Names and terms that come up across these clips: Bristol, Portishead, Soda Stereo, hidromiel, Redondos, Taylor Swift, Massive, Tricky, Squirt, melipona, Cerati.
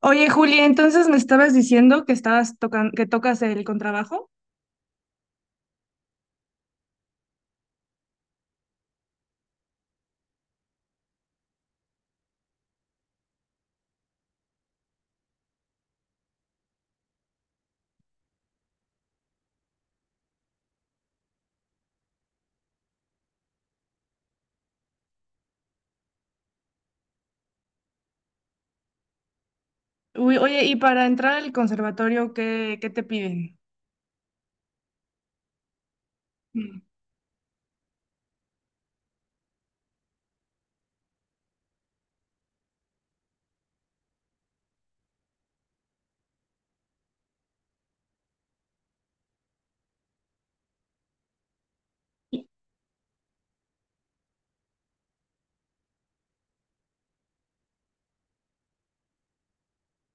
Oye, Julia, entonces me estabas diciendo que que tocas el contrabajo. Uy, oye, y para entrar al conservatorio, ¿ qué te piden? Mm.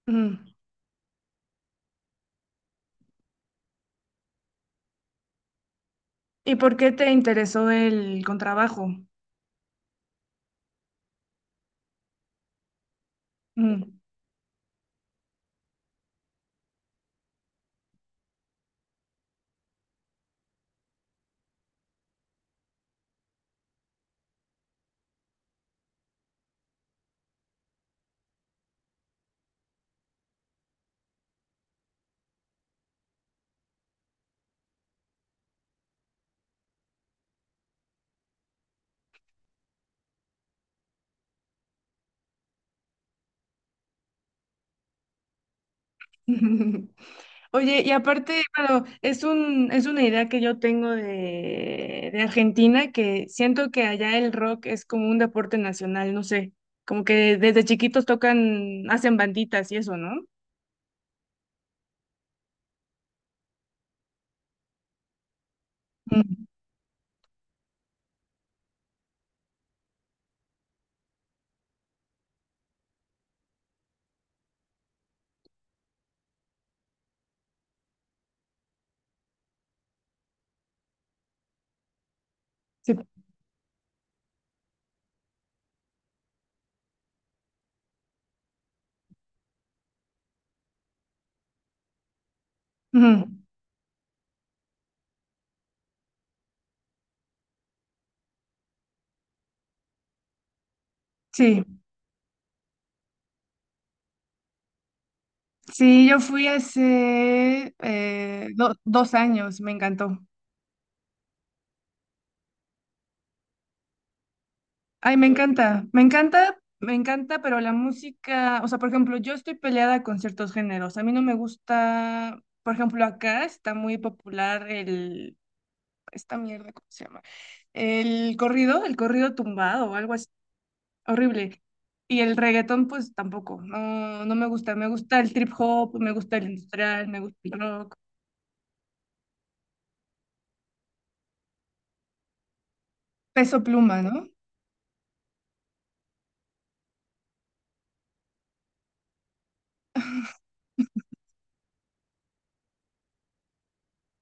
Mm. ¿Y por qué te interesó el contrabajo? Mm. Oye, y aparte, bueno, es una idea que yo tengo de Argentina, que siento que allá el rock es como un deporte nacional, no sé, como que desde chiquitos tocan, hacen banditas y eso, ¿no? Mm. Sí. Ujú. Sí. Sí, yo fui hace 2 años, me encantó. Ay, me encanta, me encanta, me encanta, pero la música, o sea, por ejemplo, yo estoy peleada con ciertos géneros. A mí no me gusta, por ejemplo, acá está muy popular esta mierda, ¿cómo se llama? El corrido tumbado o algo así, horrible. Y el reggaetón, pues tampoco, no, no me gusta. Me gusta el trip hop, me gusta el industrial, me gusta el rock, peso pluma, ¿no?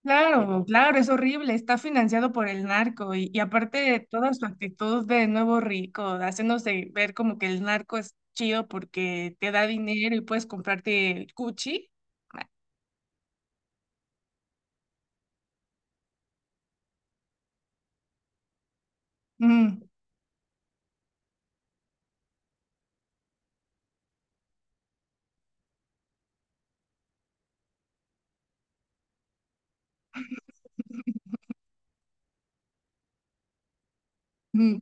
Claro, claro, es horrible, está financiado por el narco y aparte toda su actitud de nuevo rico, haciéndose ver como que el narco es chido porque te da dinero y puedes comprarte el Gucci. Mm, mm,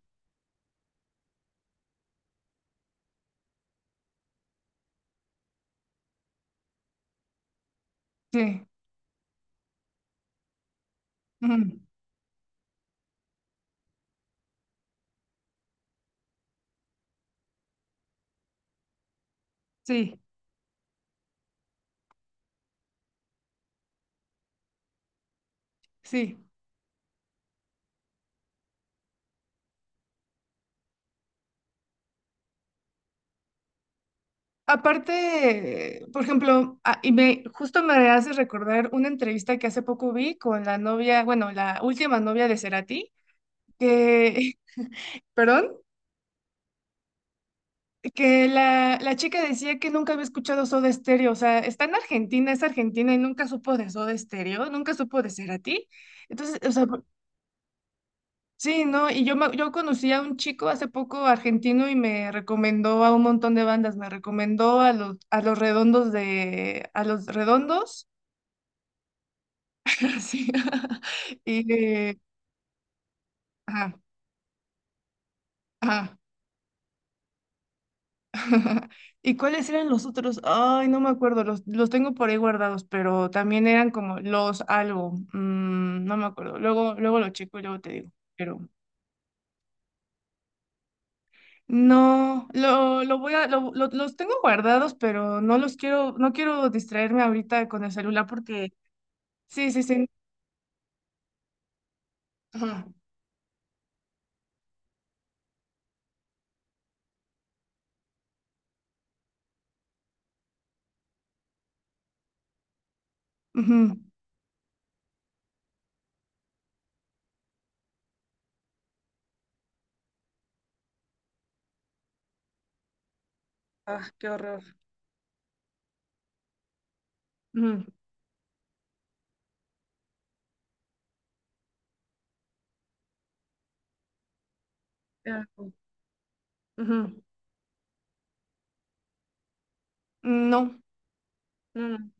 sí, mm, sí, sí. Aparte, por ejemplo, ah, y me justo me hace recordar una entrevista que hace poco vi con la novia, bueno, la última novia de Cerati, que, perdón. Que la chica decía que nunca había escuchado Soda Stereo, o sea, está en Argentina, es argentina y nunca supo de Soda Stereo, nunca supo de Cerati. Entonces, o sea, por- sí, ¿no? Y yo conocí a un chico hace poco argentino y me recomendó a un montón de bandas, me recomendó a los redondos de, a los redondos, sí, y, ajá, ajá. ¿Y cuáles eran los otros? Ay, no me acuerdo, los tengo por ahí guardados, pero también eran como los algo, mm, no me acuerdo. Luego, luego lo checo y luego te digo, pero no, lo voy a, lo- los tengo guardados, pero no los quiero, no quiero distraerme ahorita con el celular porque, sí, sí, sí. Ajá. Ujú. Ah, qué horror. Ujú. Qué asco. Ujú. No. No, no.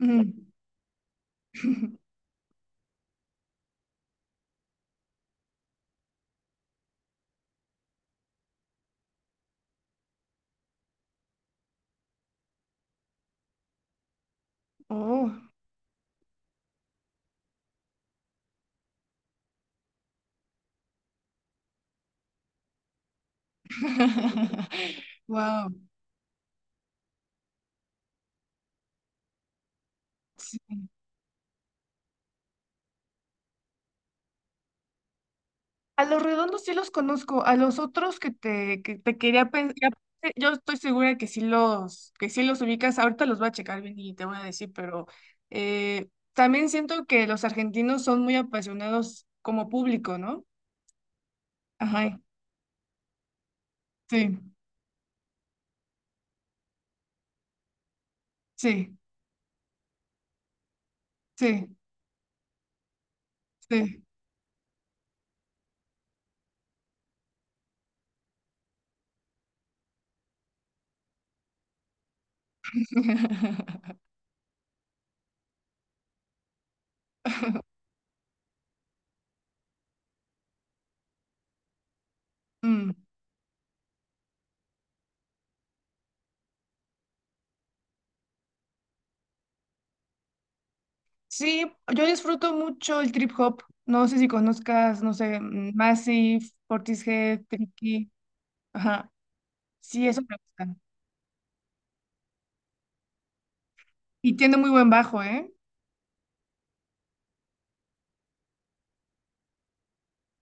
Ujú. Oh. Wow. A los redondos sí los conozco, a los otros que te quería pensar, yo estoy segura que que sí los ubicas, ahorita los voy a checar bien y te voy a decir, pero también siento que los argentinos son muy apasionados como público, ¿no? Ajá, sí, sí, sí, sí. Mm. Sí, yo disfruto mucho el trip hop, no sé si conozcas, no sé, mm, Massive, Portishead, Tricky, ajá, sí, eso me gusta. Y tiene muy buen bajo, ¿eh?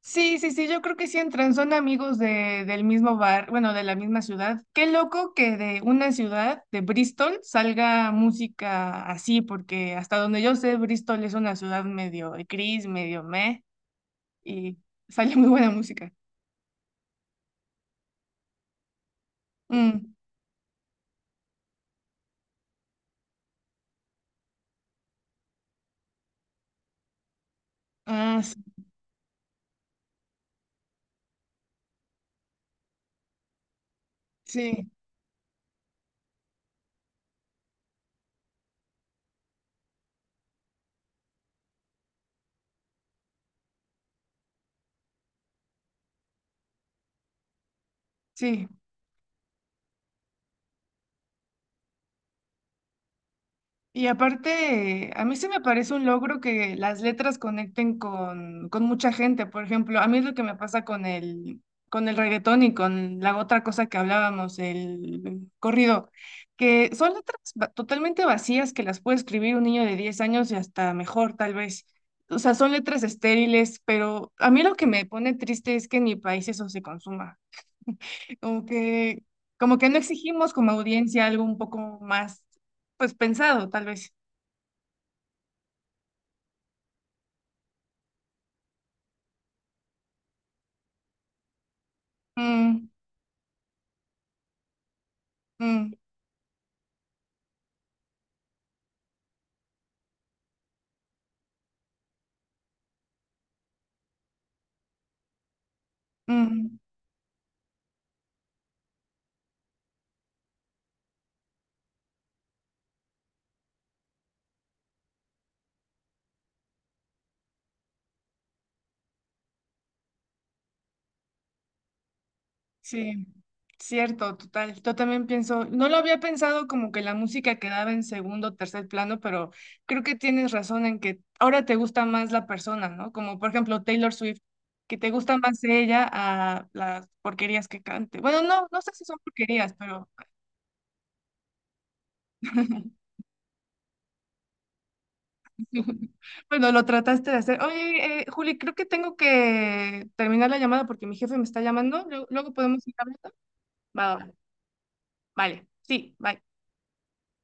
Sí, sí, sí, yo creo que sí entran, son amigos del mismo bar, bueno, de la misma ciudad. Qué loco que de una ciudad, de Bristol, salga música así, porque hasta donde yo sé, Bristol es una ciudad medio gris, medio meh, y sale muy buena música. Mm. Ah, sí, sí, sí. Y aparte, a mí se me parece un logro que las letras conecten con mucha gente. Por ejemplo, a mí es lo que me pasa con con el reggaetón y con la otra cosa que hablábamos, el corrido, que son totalmente vacías que las puede escribir un niño de 10 años y hasta mejor, tal vez. O sea, son letras estériles, pero a mí lo que me pone triste es que en mi país eso se consuma. Como que, como que no exigimos como audiencia algo un poco más, pues pensado, tal vez. Mm, mm, mm, sí, cierto, total. Yo también pienso, no lo había pensado como que la música quedaba en segundo o tercer plano, pero creo que tienes razón en que ahora te gusta más la persona, ¿no? Como por ejemplo Taylor Swift, que te gusta más ella a las porquerías que cante. Bueno, no, no sé si son porquerías, pero bueno, lo trataste de hacer. Oye, Juli, creo que tengo que terminar la llamada porque mi jefe me está llamando. Luego, luego podemos ir hablando. Va, va, va. Vale, sí, bye.